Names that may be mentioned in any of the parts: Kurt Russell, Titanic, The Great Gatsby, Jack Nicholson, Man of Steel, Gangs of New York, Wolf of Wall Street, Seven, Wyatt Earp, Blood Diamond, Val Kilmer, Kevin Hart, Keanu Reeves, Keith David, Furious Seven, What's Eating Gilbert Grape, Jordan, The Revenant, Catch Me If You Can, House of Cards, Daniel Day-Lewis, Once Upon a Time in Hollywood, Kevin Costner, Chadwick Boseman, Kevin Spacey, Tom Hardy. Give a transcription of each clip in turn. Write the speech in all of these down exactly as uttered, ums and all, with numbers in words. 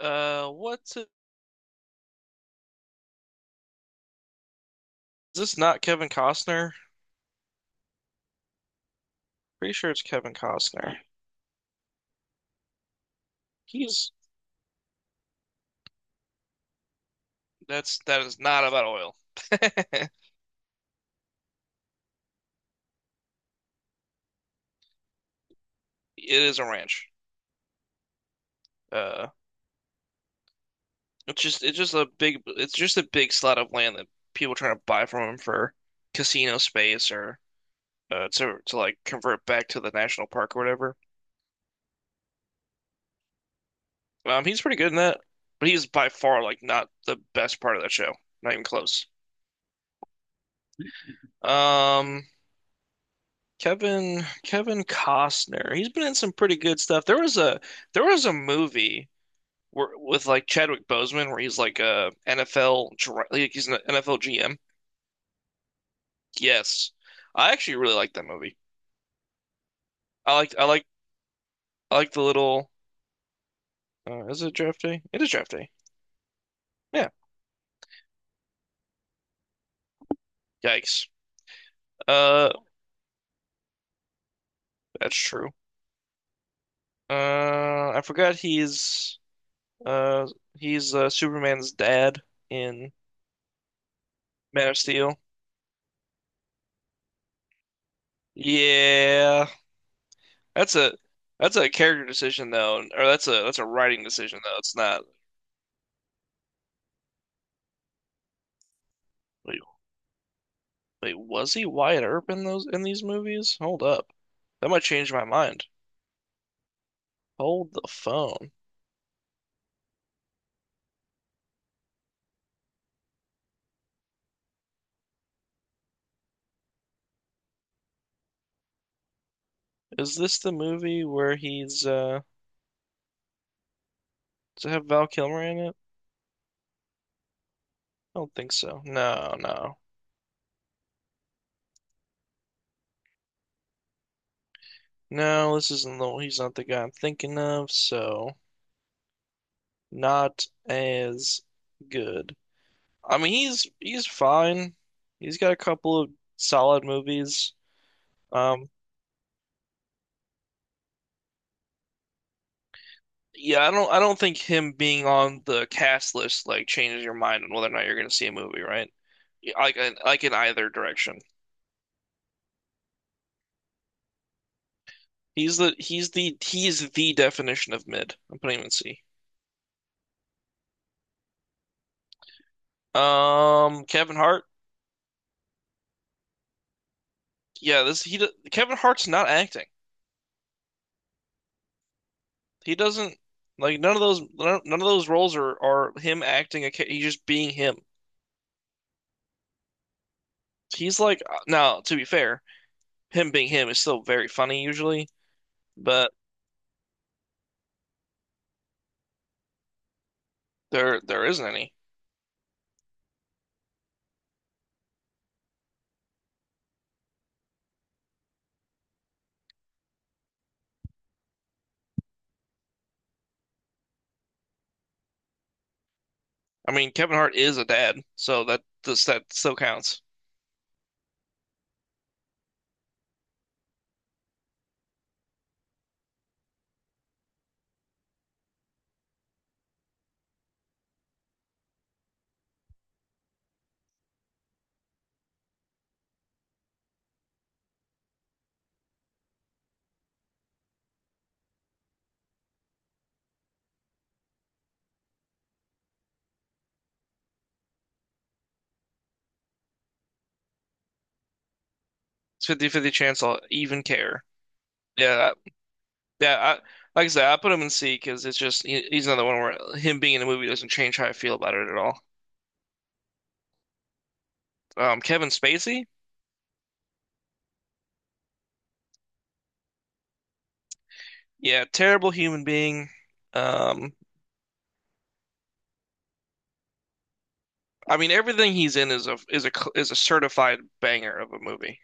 Uh, what's it? Is this not Kevin Costner? Pretty sure it's Kevin Costner. He's that's that is not about oil. It is a ranch. Uh, it's just it's just a big it's just a big slot of land that people trying to buy from him for casino space or uh to to like convert back to the national park or whatever. Um, he's pretty good in that, but he's by far like not the best part of that show. Not even close. Um, Kevin Kevin Costner. He's been in some pretty good stuff. There was a there was a movie where with like Chadwick Boseman where he's like a N F L dr- like he's an N F L G M. Yes. I actually really like that movie. I like I like I like the little uh, is it draft day? It is draft day. Yeah. Yikes. Uh that's true. Uh I forgot he's uh he's uh Superman's dad in Man of Steel. Yeah. That's a that's a character decision though, or that's a that's a writing decision though. It's not. Wait, wait, was he Wyatt Earp in those in these movies? Hold up, that might change my mind. Hold the phone. Is this the movie where he's uh does it have Val Kilmer in it? I don't think so. No, no, no. This isn't the he's not the guy I'm thinking of. So not as good. I mean, he's he's fine. He's got a couple of solid movies. Um, Yeah, I don't I don't think him being on the cast list like changes your mind on whether or not you're going to see a movie, right? Yeah, like in- like in either direction. He's the he's the he's the definition of mid. I'm putting him in C. Um, Kevin Hart. Yeah, this he do- Kevin Hart's not acting. He doesn't like none of those none none of those roles are are him acting. A, ca- he's just being him. He's like uh, now, to be fair, him being him is still very funny usually, but there there isn't any. I mean, Kevin Hart is a dad, so that does that still counts. It's fifty-fifty chance I'll even care. Yeah, I- yeah. I, like I said, I put him in C because it's just he, he's another one where him being in the movie doesn't change how I feel about it at all. Um, Kevin Spacey, yeah, terrible human being. Um, I mean, everything he's in is a is a is a certified banger of a movie.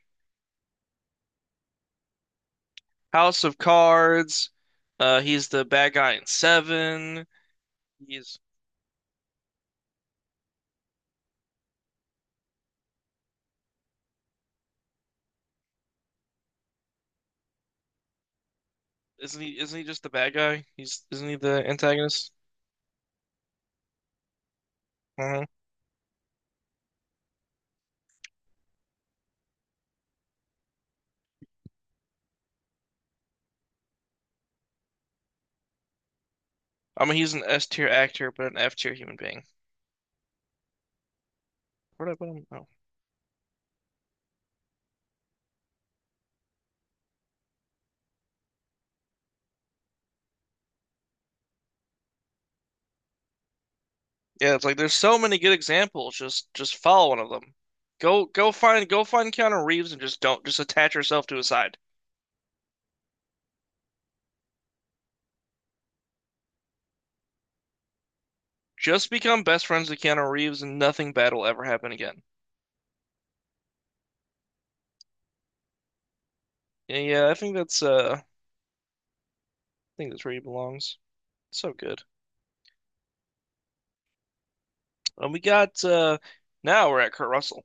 House of Cards. Uh, he's the bad guy in Seven. He's isn't he isn't he just the bad guy? He's isn't he the antagonist? I don't know. I mean, he's an S tier actor, but an F tier human being. Where did I put him? Oh. Yeah, it's like there's so many good examples. Just just follow one of them. Go go find go find Keanu Reeves and just don't just attach yourself to his side. Just become best friends with Keanu Reeves and nothing bad will ever happen again. Yeah, yeah, I think that's uh I think that's where he belongs. So good. And we got uh now we're at Kurt Russell.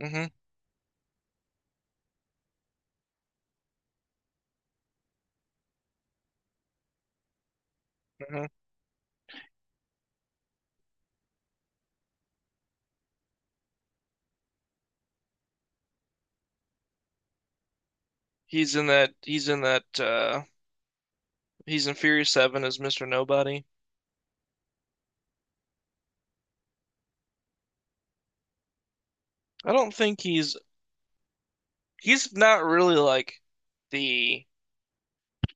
hmm hmm He's in that he's in that uh he's in Furious Seven as mister Nobody. I don't think he's He's not really like the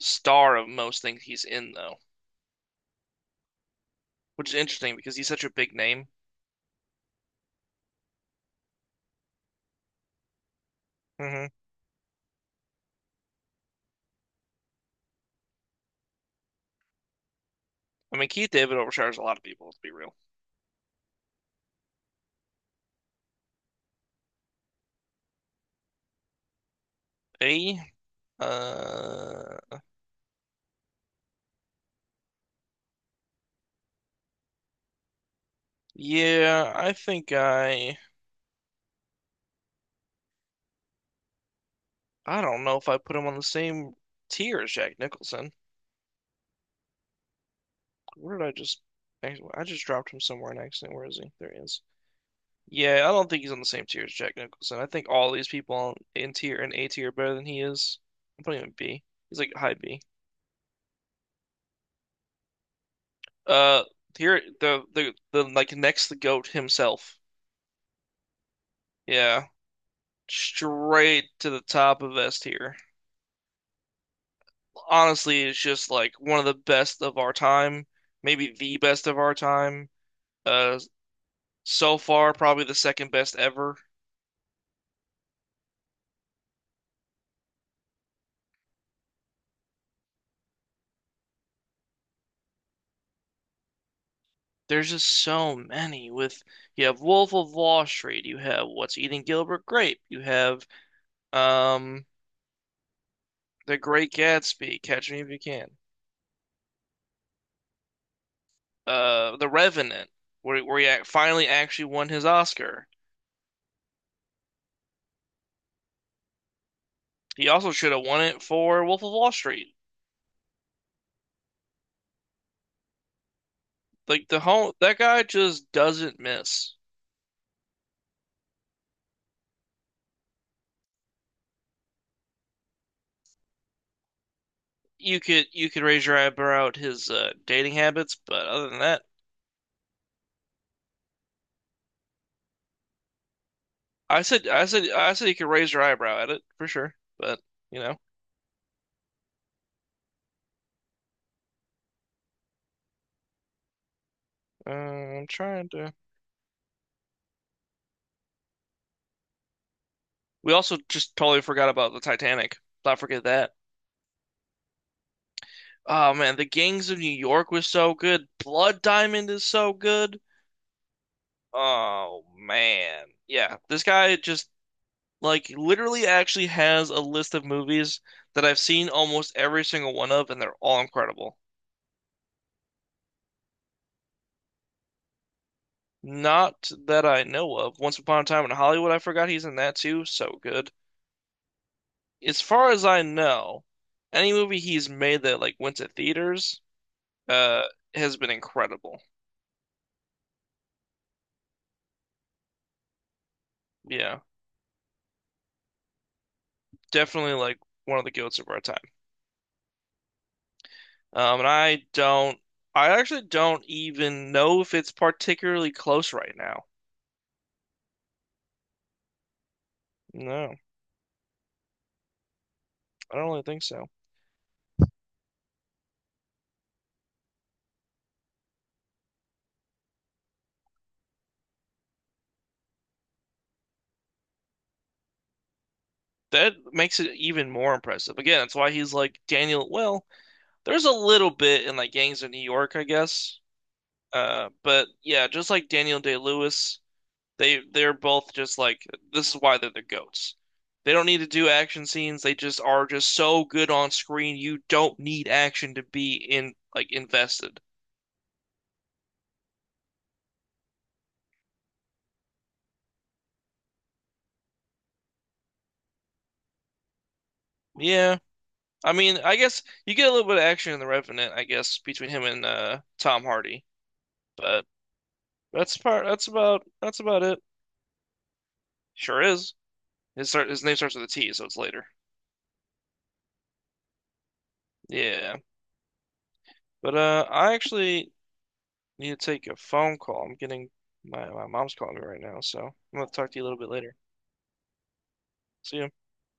star of most things he's in, though, which is interesting because he's such a big name. hmm I mean, Keith David overshadows a lot of people, to be real. A, uh, yeah, I think I, I don't know if I put him on the same tier as Jack Nicholson. Where did I just, I just dropped him somewhere in accident. Where is he? There he is. Yeah, I don't think he's on the same tier as Jack Nicholson. I think all these people in tier and A tier are better than he is. I'm putting him in B. He's like high B. Uh, here the the the like next the goat himself. Yeah, straight to the top of S tier. Honestly, it's just like one of the best of our time, maybe the best of our time. Uh, so far probably the second best ever. There's just so many. With You have Wolf of Wall Street, you have What's Eating Gilbert Grape, you have um The Great Gatsby, Catch Me If You Can, uh, The Revenant, where where he finally actually won his Oscar. He also should have won it for Wolf of Wall Street. Like the whole that guy just doesn't miss. You could you could raise your eyebrow at his uh, dating habits, but other than that, I said I said I said you could raise your eyebrow at it for sure. But you know, uh, I'm trying to. We also just totally forgot about the Titanic. Not forget that. Oh man, the Gangs of New York was so good. Blood Diamond is so good. Oh man, yeah. This guy just like literally actually has a list of movies that I've seen almost every single one of, and they're all incredible. Not that I know of. Once Upon a Time in Hollywood, I forgot he's in that too. So good. As far as I know, any movie he's made that like went to theaters, uh, has been incredible. Yeah, definitely like one of the goats of our time. Um, and I don't, I actually don't even know if it's particularly close right now. No, I don't really think so. That makes it even more impressive. Again, that's why he's like Daniel. Well, there's a little bit in like Gangs of New York, I guess. Uh, but yeah, just like Daniel Day-Lewis, they they're both just like this is why they're the goats. They don't need to do action scenes. They just are just so good on screen. You don't need action to be in like invested. Yeah. I mean, I guess you get a little bit of action in The Revenant, I guess, between him and uh, Tom Hardy. But that's part that's about that's about it. Sure is. His start his name starts with a T, so it's later. Yeah. But uh I actually need to take a phone call. I'm getting my, my mom's calling me right now, so I'm gonna talk to you a little bit later. See ya.